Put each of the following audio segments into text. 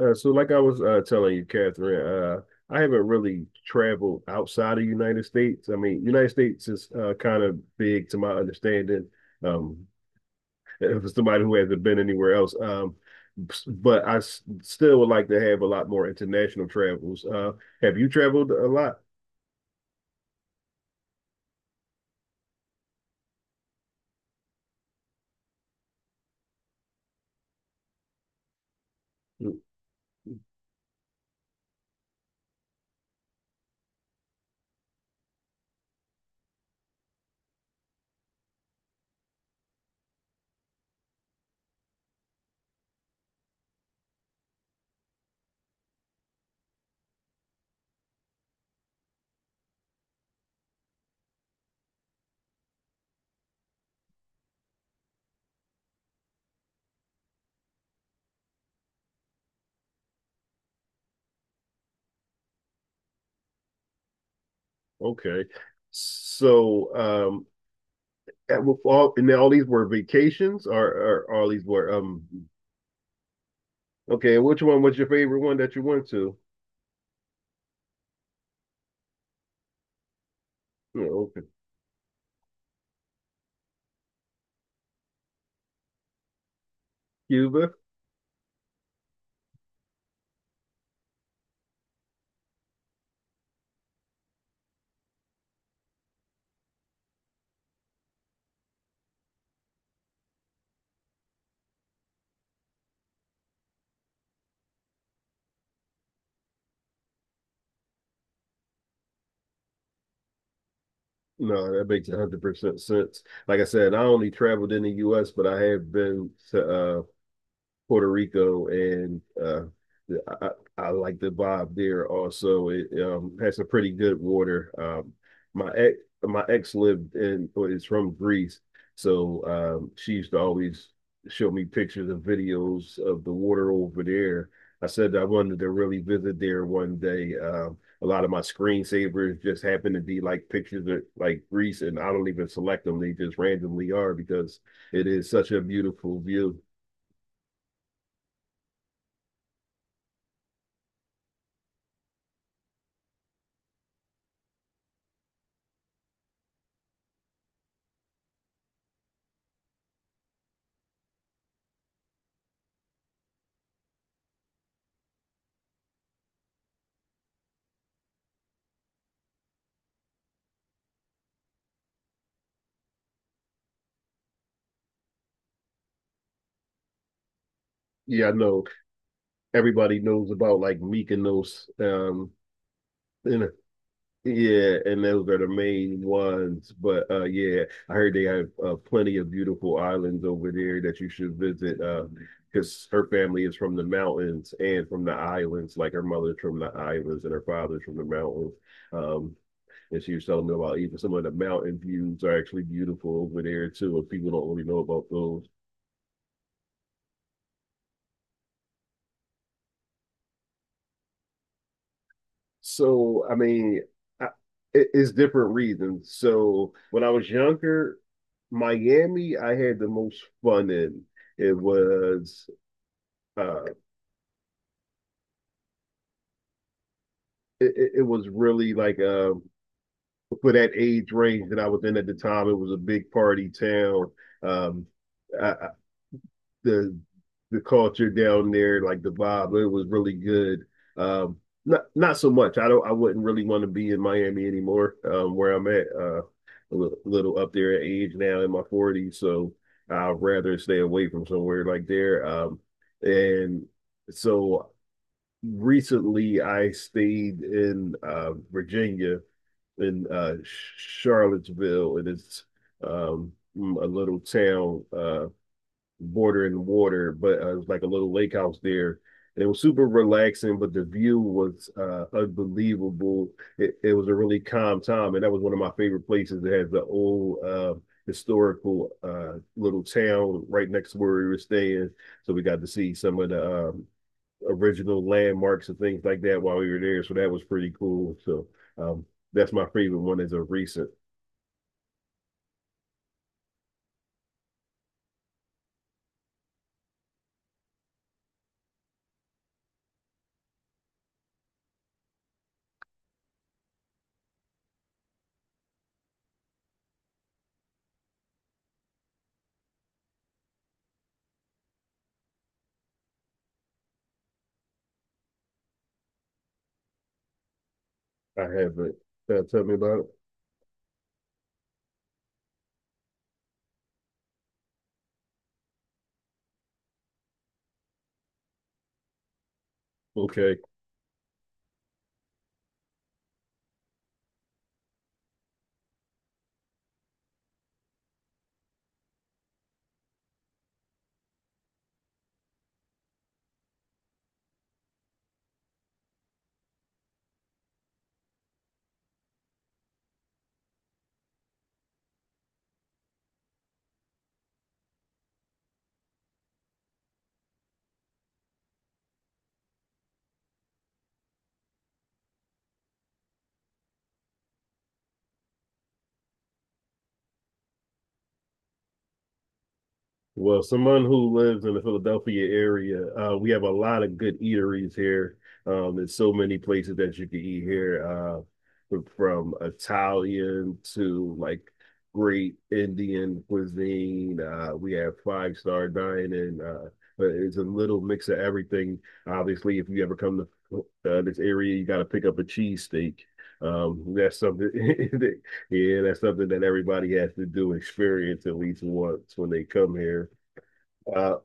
So like I was telling you, Catherine, I haven't really traveled outside of United States. I mean, United States is kind of big to my understanding. Um, for somebody who hasn't been anywhere else, but I s still would like to have a lot more international travels. Have you traveled a lot? Mm, okay, so and all these were vacations, or all these were Okay, which one was your favorite one that you went to? Mm, okay. Cuba. No, that makes 100% sense. Like I said, I only traveled in the US, but I have been to Puerto Rico, and I I like the vibe there. Also, it has some pretty good water. My ex lived in or is from Greece, so she used to always show me pictures and videos of the water over there. I said I wanted to really visit there one day. A lot of my screensavers just happen to be like pictures of like Greece, and I don't even select them; they just randomly are because it is such a beautiful view. Yeah, I know, everybody knows about, like, Mykonos. And yeah, and those are the main ones. But yeah, I heard they have plenty of beautiful islands over there that you should visit. Because her family is from the mountains and from the islands. Like, her mother's from the islands and her father's from the mountains. Um, and she was telling me about even some of the mountain views are actually beautiful over there too. And people don't really know about those. So, I mean, I, it's different reasons. So, when I was younger, Miami, I had the most fun in. It was uh it was really like for that age range that I was in at the time, it was a big party town. Um I, the the culture down there, like the vibe. It was really good. Um, Not so much. I don't. I wouldn't really want to be in Miami anymore. Where I'm at, a little up there at age now in my 40s, so I'd rather stay away from somewhere like there. And so recently I stayed in Virginia, in Charlottesville, and it's um, a little town bordering water, but it was like a little lake house there. And it was super relaxing, but the view was unbelievable. It was a really calm time, and that was one of my favorite places. It has the old historical little town right next to where we were staying, so we got to see some of the original landmarks and things like that while we were there. So that was pretty cool. So um, that's my favorite one. Is a recent. I haven't. Tell me about it. Okay. Well, someone who lives in the Philadelphia area, we have a lot of good eateries here. There's so many places that you can eat here, from Italian to like great Indian cuisine. We have five-star dining. But it's a little mix of everything. Obviously, if you ever come to this area, you got to pick up a cheesesteak. That's something that yeah, that's something that everybody has to do, experience at least once when they come here. Uh,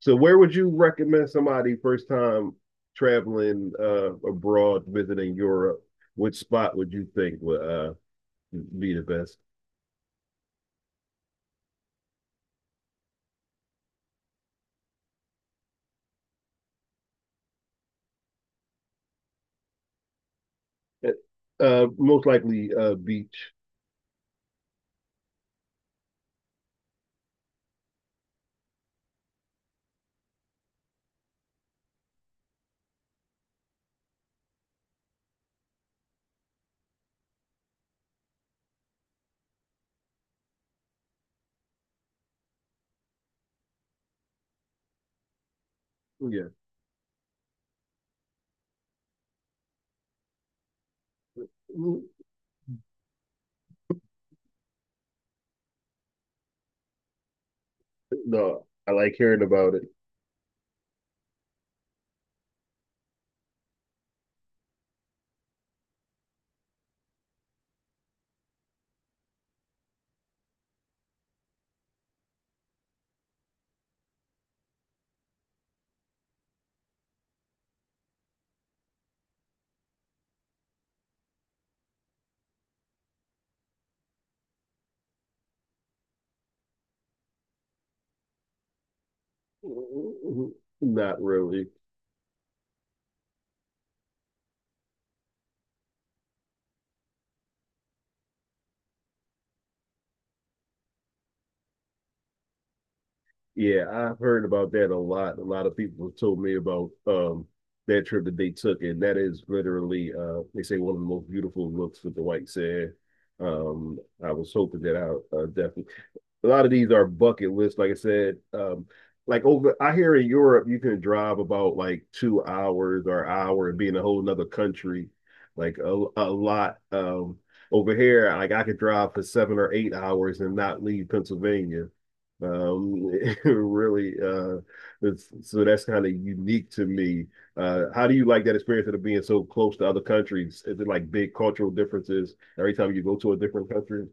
so where would you recommend somebody first time traveling abroad, visiting Europe? Which spot would you think would be the best? Most likely beach. Yeah. No, I like hearing about it. Not really. Yeah, I've heard about that a lot. A lot of people have told me about that trip that they took, and that is literally they say one of the most beautiful looks with the white sand. Um, I was hoping that I definitely a lot of these are bucket lists, like I said. I hear in Europe, you can drive about like 2 hours or an hour and be in a whole nother country, like a lot. Over here, like I could drive for 7 or 8 hours and not leave Pennsylvania. Um, really, uh, so that's kind of unique to me. How do you like that experience of being so close to other countries? Is it like big cultural differences every time you go to a different country?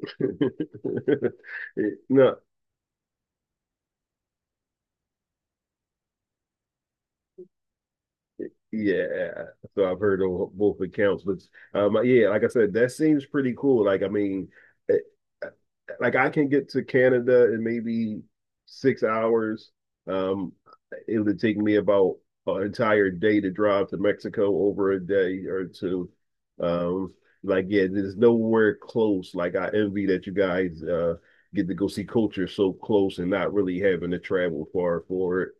No, yeah. So I've heard on both accounts, but yeah, like I said, that seems pretty cool. Like, I mean, eh, eh, like I can get to Canada in maybe 6 hours. Um, it would take me about an entire day to drive to Mexico over a day or two. Um, like, yeah, there's nowhere close. Like, I envy that you guys get to go see culture so close and not really having to travel far for it.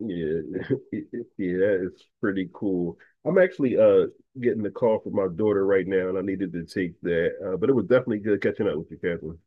Yeah, yeah, it's pretty cool. I'm actually getting the call from my daughter right now, and I needed to take that. But it was definitely good catching up with you, Catherine.